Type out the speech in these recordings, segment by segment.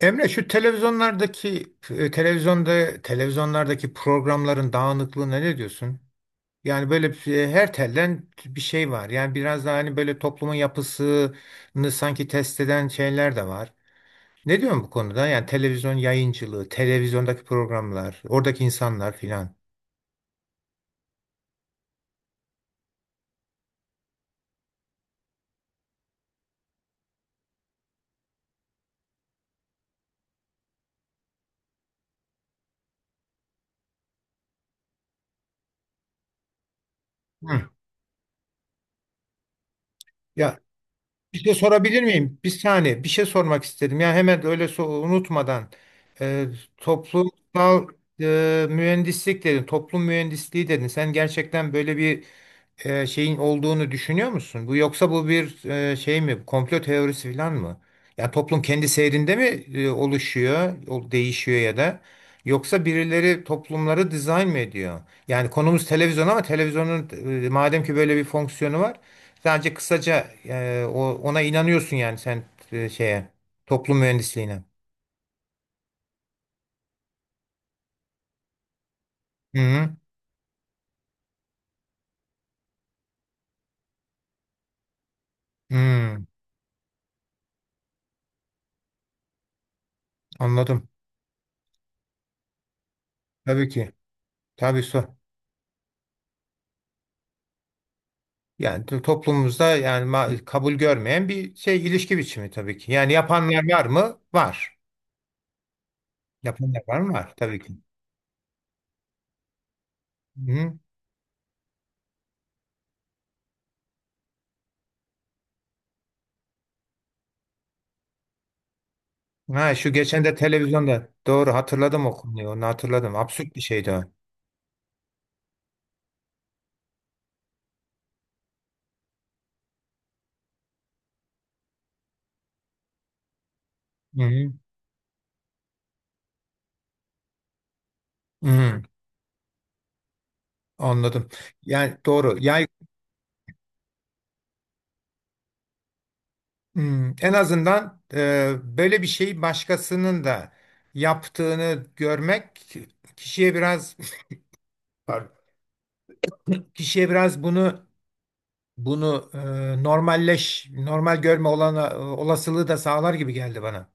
Emre, şu televizyonlardaki e, televizyonda televizyonlardaki programların dağınıklığına ne diyorsun? Yani böyle her telden bir şey var. Yani biraz daha hani böyle toplumun yapısını sanki test eden şeyler de var. Ne diyorsun bu konuda? Yani televizyon yayıncılığı, televizyondaki programlar, oradaki insanlar filan. Hı. Ya, bir şey sorabilir miyim? Bir saniye. Bir şey sormak istedim. Ya hemen öyle unutmadan, e, toplumsal mühendislik dedin, toplum mühendisliği dedin. Sen gerçekten böyle bir şeyin olduğunu düşünüyor musun? Bu, yoksa bu bir şey mi? Komplo teorisi falan mı? Ya toplum kendi seyrinde mi oluşuyor, değişiyor ya da yoksa birileri toplumları dizayn mı ediyor? Yani konumuz televizyon ama televizyonun, madem ki böyle bir fonksiyonu var, sadece kısaca, ona inanıyorsun yani sen, şeye, toplum mühendisliğine. Hı hı. Hı, anladım. Tabii ki. Tabii sor. Yani toplumumuzda yani kabul görmeyen bir şey, ilişki biçimi tabii ki. Yani yapanlar var mı? Var. Yapanlar var mı? Var tabii ki. Hı. Ha, şu geçen de televizyonda, doğru hatırladım o konuyu. Onu hatırladım. Absürt bir şeydi o. Hı hı. Hı. Anladım. Yani doğru. Yani hı, en azından böyle bir şeyi başkasının da yaptığını görmek kişiye biraz, pardon, bunu, normal görme olasılığı da sağlar gibi geldi bana.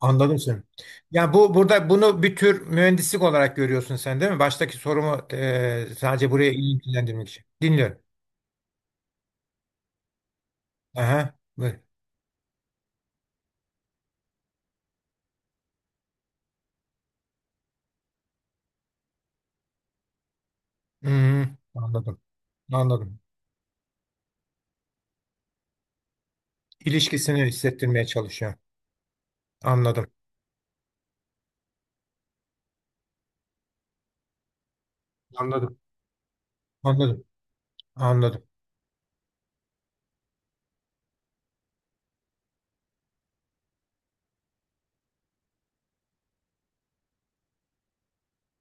Anladım seni. Yani bu, burada bunu bir tür mühendislik olarak görüyorsun sen, değil mi? Baştaki sorumu sadece buraya iyi ilgilendirmek için. Dinliyorum. Aha, buyur. Hmm, anladım. Anladım. İlişkisini hissettirmeye çalışıyor. Anladım. Anladım. Anladım. Anladım.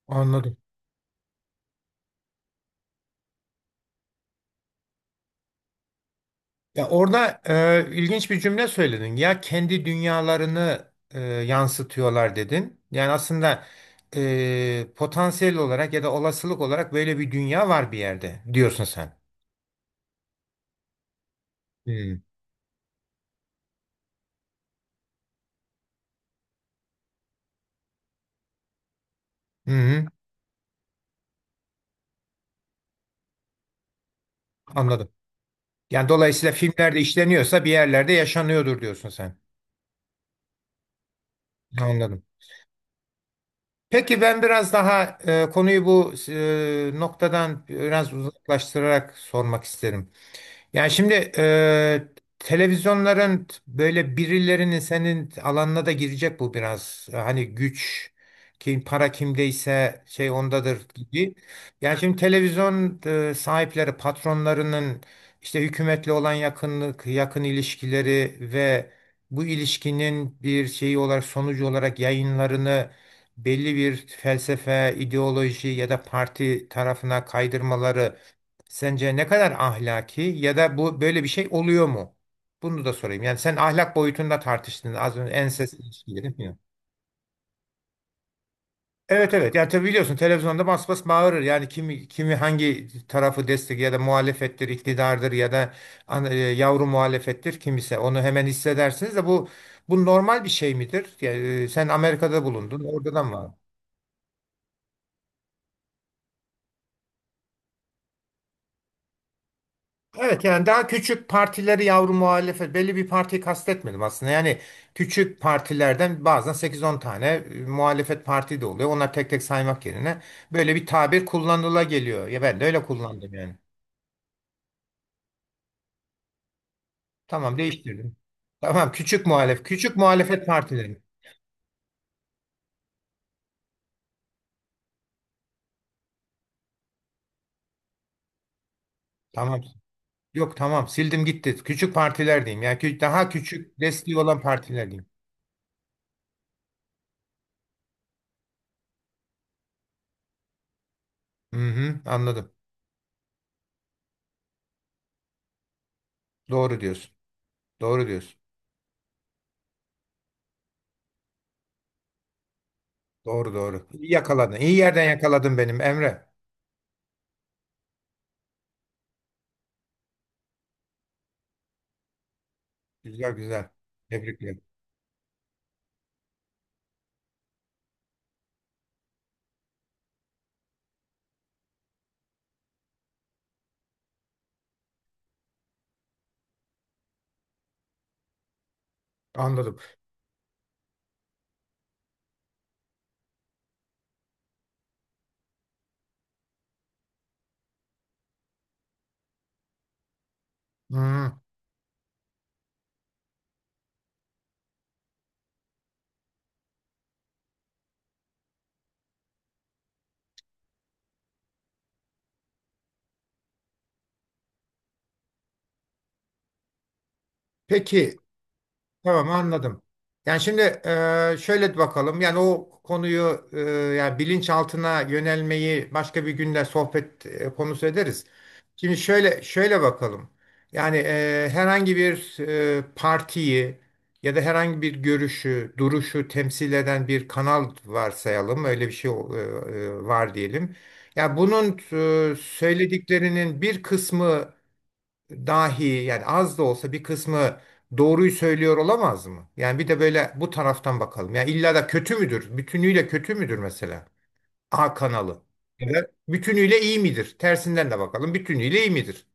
Anladım. Ya, orada ilginç bir cümle söyledin. Ya, kendi dünyalarını yansıtıyorlar dedin. Yani aslında potansiyel olarak ya da olasılık olarak böyle bir dünya var bir yerde, diyorsun sen. Hmm. Hı hı, anladım. Yani dolayısıyla filmlerde işleniyorsa bir yerlerde yaşanıyordur, diyorsun sen. Anladım. Peki, ben biraz daha konuyu bu noktadan biraz uzaklaştırarak sormak isterim. Yani şimdi, televizyonların böyle birilerinin, senin alanına da girecek bu biraz. Hani güç, kim, para kimdeyse şey ondadır gibi. Yani şimdi televizyon sahipleri, patronlarının işte hükümetle olan yakınlık, yakın ilişkileri ve bu ilişkinin bir şeyi olarak, sonucu olarak yayınlarını belli bir felsefe, ideoloji ya da parti tarafına kaydırmaları sence ne kadar ahlaki ya da bu, böyle bir şey oluyor mu? Bunu da sorayım. Yani sen ahlak boyutunda tartıştın az önce ensest ilişkileri, değil mi? Evet, evet. Yani tabii biliyorsun televizyonda bas bas bağırır. Yani kimi hangi tarafı destek ya da muhalefettir, iktidardır ya da yavru muhalefettir kimse. Onu hemen hissedersiniz de, bu normal bir şey midir? Yani, sen Amerika'da bulundun. Orada da mı var? Evet, yani daha küçük partileri yavru muhalefet, belli bir partiyi kastetmedim aslında. Yani küçük partilerden bazen sekiz on tane muhalefet parti de oluyor. Onlar tek tek saymak yerine böyle bir tabir kullanıla geliyor. Ya, ben de öyle kullandım yani. Tamam, değiştirdim. Tamam, küçük küçük muhalefet partileri. Tamam. Yok, tamam, sildim gitti. Küçük partiler diyeyim. Yani daha küçük desteği olan partiler diyeyim. Hı hı, anladım. Doğru diyorsun. Doğru diyorsun. Doğru doğru. İyi yakaladın. İyi yerden yakaladın benim Emre. Güzel güzel. Tebrikler. Anladım. Hmm. Peki, tamam, anladım. Yani şimdi, şöyle bakalım. Yani o konuyu, yani bilinçaltına yönelmeyi başka bir günde sohbet konusu ederiz. Şimdi şöyle bakalım. Yani herhangi bir partiyi ya da herhangi bir görüşü, duruşu temsil eden bir kanal varsayalım. Öyle bir şey var diyelim. Ya bunun söylediklerinin bir kısmı dahi, yani az da olsa bir kısmı, doğruyu söylüyor olamaz mı? Yani bir de böyle bu taraftan bakalım. Yani illa da kötü müdür? Bütünüyle kötü müdür mesela? A kanalı. Ya da bütünüyle iyi midir? Tersinden de bakalım. Bütünüyle iyi midir?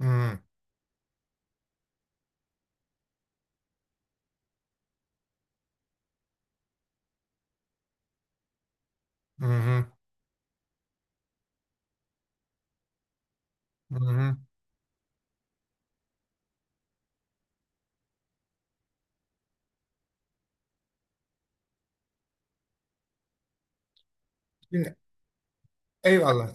Hı hı hı. Hı. Şimdi, eyvallah.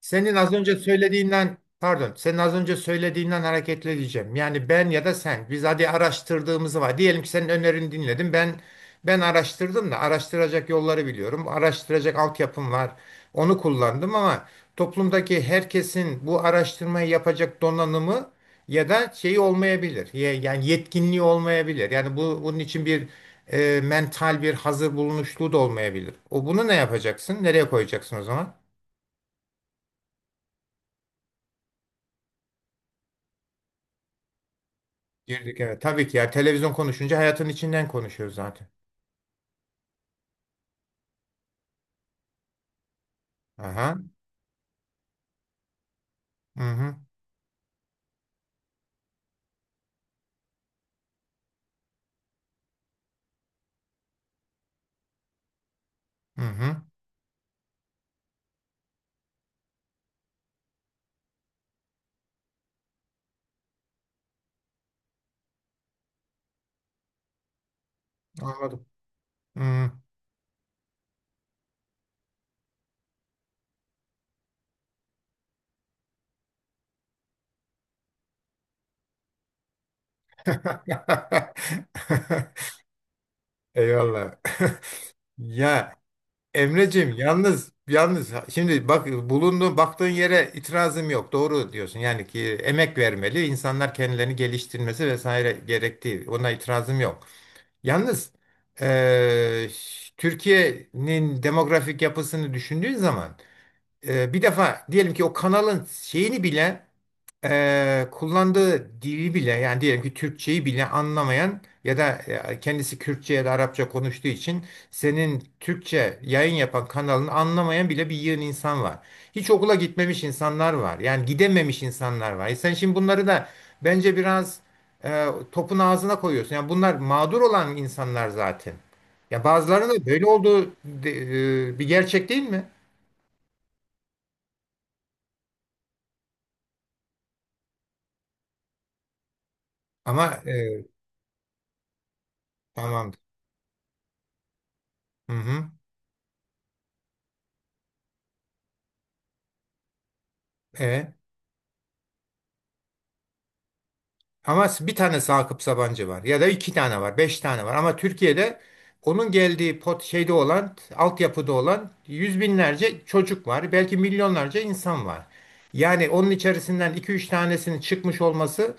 Senin az önce söylediğinden hareketle diyeceğim. Yani ben ya da sen, biz hadi araştırdığımızı var. Diyelim ki senin önerini dinledim. Ben araştırdım da araştıracak yolları biliyorum. Araştıracak altyapım var. Onu kullandım ama toplumdaki herkesin bu araştırmayı yapacak donanımı ya da şeyi olmayabilir. Yani yetkinliği olmayabilir. Yani bu, bunun için bir mental bir hazır bulunuşluğu da olmayabilir. O bunu ne yapacaksın? Nereye koyacaksın o zaman? Girdik, evet. Tabii ki ya, televizyon konuşunca hayatın içinden konuşuyoruz zaten. Aha. Hı hı. Hı hı. Anladım. Hı. Eyvallah. Ya Emreciğim, yalnız şimdi bak, bulunduğun, baktığın yere itirazım yok. Doğru diyorsun. Yani ki emek vermeli, insanlar kendilerini geliştirmesi vesaire gerektiği. Ona itirazım yok. Yalnız, eee, Türkiye'nin demografik yapısını düşündüğün zaman, bir defa diyelim ki o kanalın şeyini bile, kullandığı dili bile, yani diyelim ki Türkçeyi bile anlamayan ya da kendisi Kürtçe ya da Arapça konuştuğu için senin Türkçe yayın yapan kanalını anlamayan bile bir yığın insan var. Hiç okula gitmemiş insanlar var. Yani gidememiş insanlar var. E sen şimdi bunları da bence biraz topun ağzına koyuyorsun. Yani bunlar mağdur olan insanlar zaten. Ya bazılarının da böyle olduğu bir gerçek, değil mi? Ama... Tamamdır. Hı hı. E. Ama bir tane Sakıp Sabancı var, ya da iki tane var, beş tane var. Ama Türkiye'de onun geldiği pot şeyde olan, altyapıda olan yüz binlerce çocuk var. Belki milyonlarca insan var. Yani onun içerisinden iki üç tanesinin çıkmış olması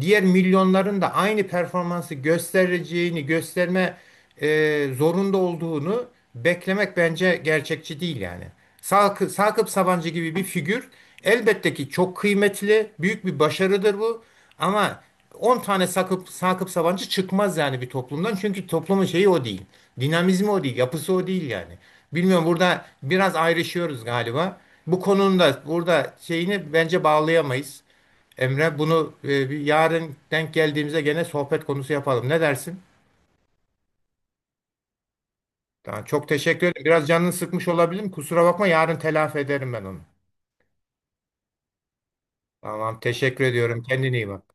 diğer milyonların da aynı performansı göstereceğini, gösterme zorunda olduğunu beklemek bence gerçekçi değil yani. Sakıp Sabancı gibi bir figür elbette ki çok kıymetli, büyük bir başarıdır bu. Ama 10 tane Sakıp Sabancı çıkmaz yani bir toplumdan. Çünkü toplumun şeyi o değil. Dinamizmi o değil. Yapısı o değil yani. Bilmiyorum, burada biraz ayrışıyoruz galiba. Bu konunun da burada şeyini bence bağlayamayız. Emre, bunu bir yarın denk geldiğimizde gene sohbet konusu yapalım. Ne dersin? Tamam, çok teşekkür ederim. Biraz canını sıkmış olabilirim. Kusura bakma, yarın telafi ederim ben onu. Tamam, teşekkür ediyorum. Kendine iyi bak.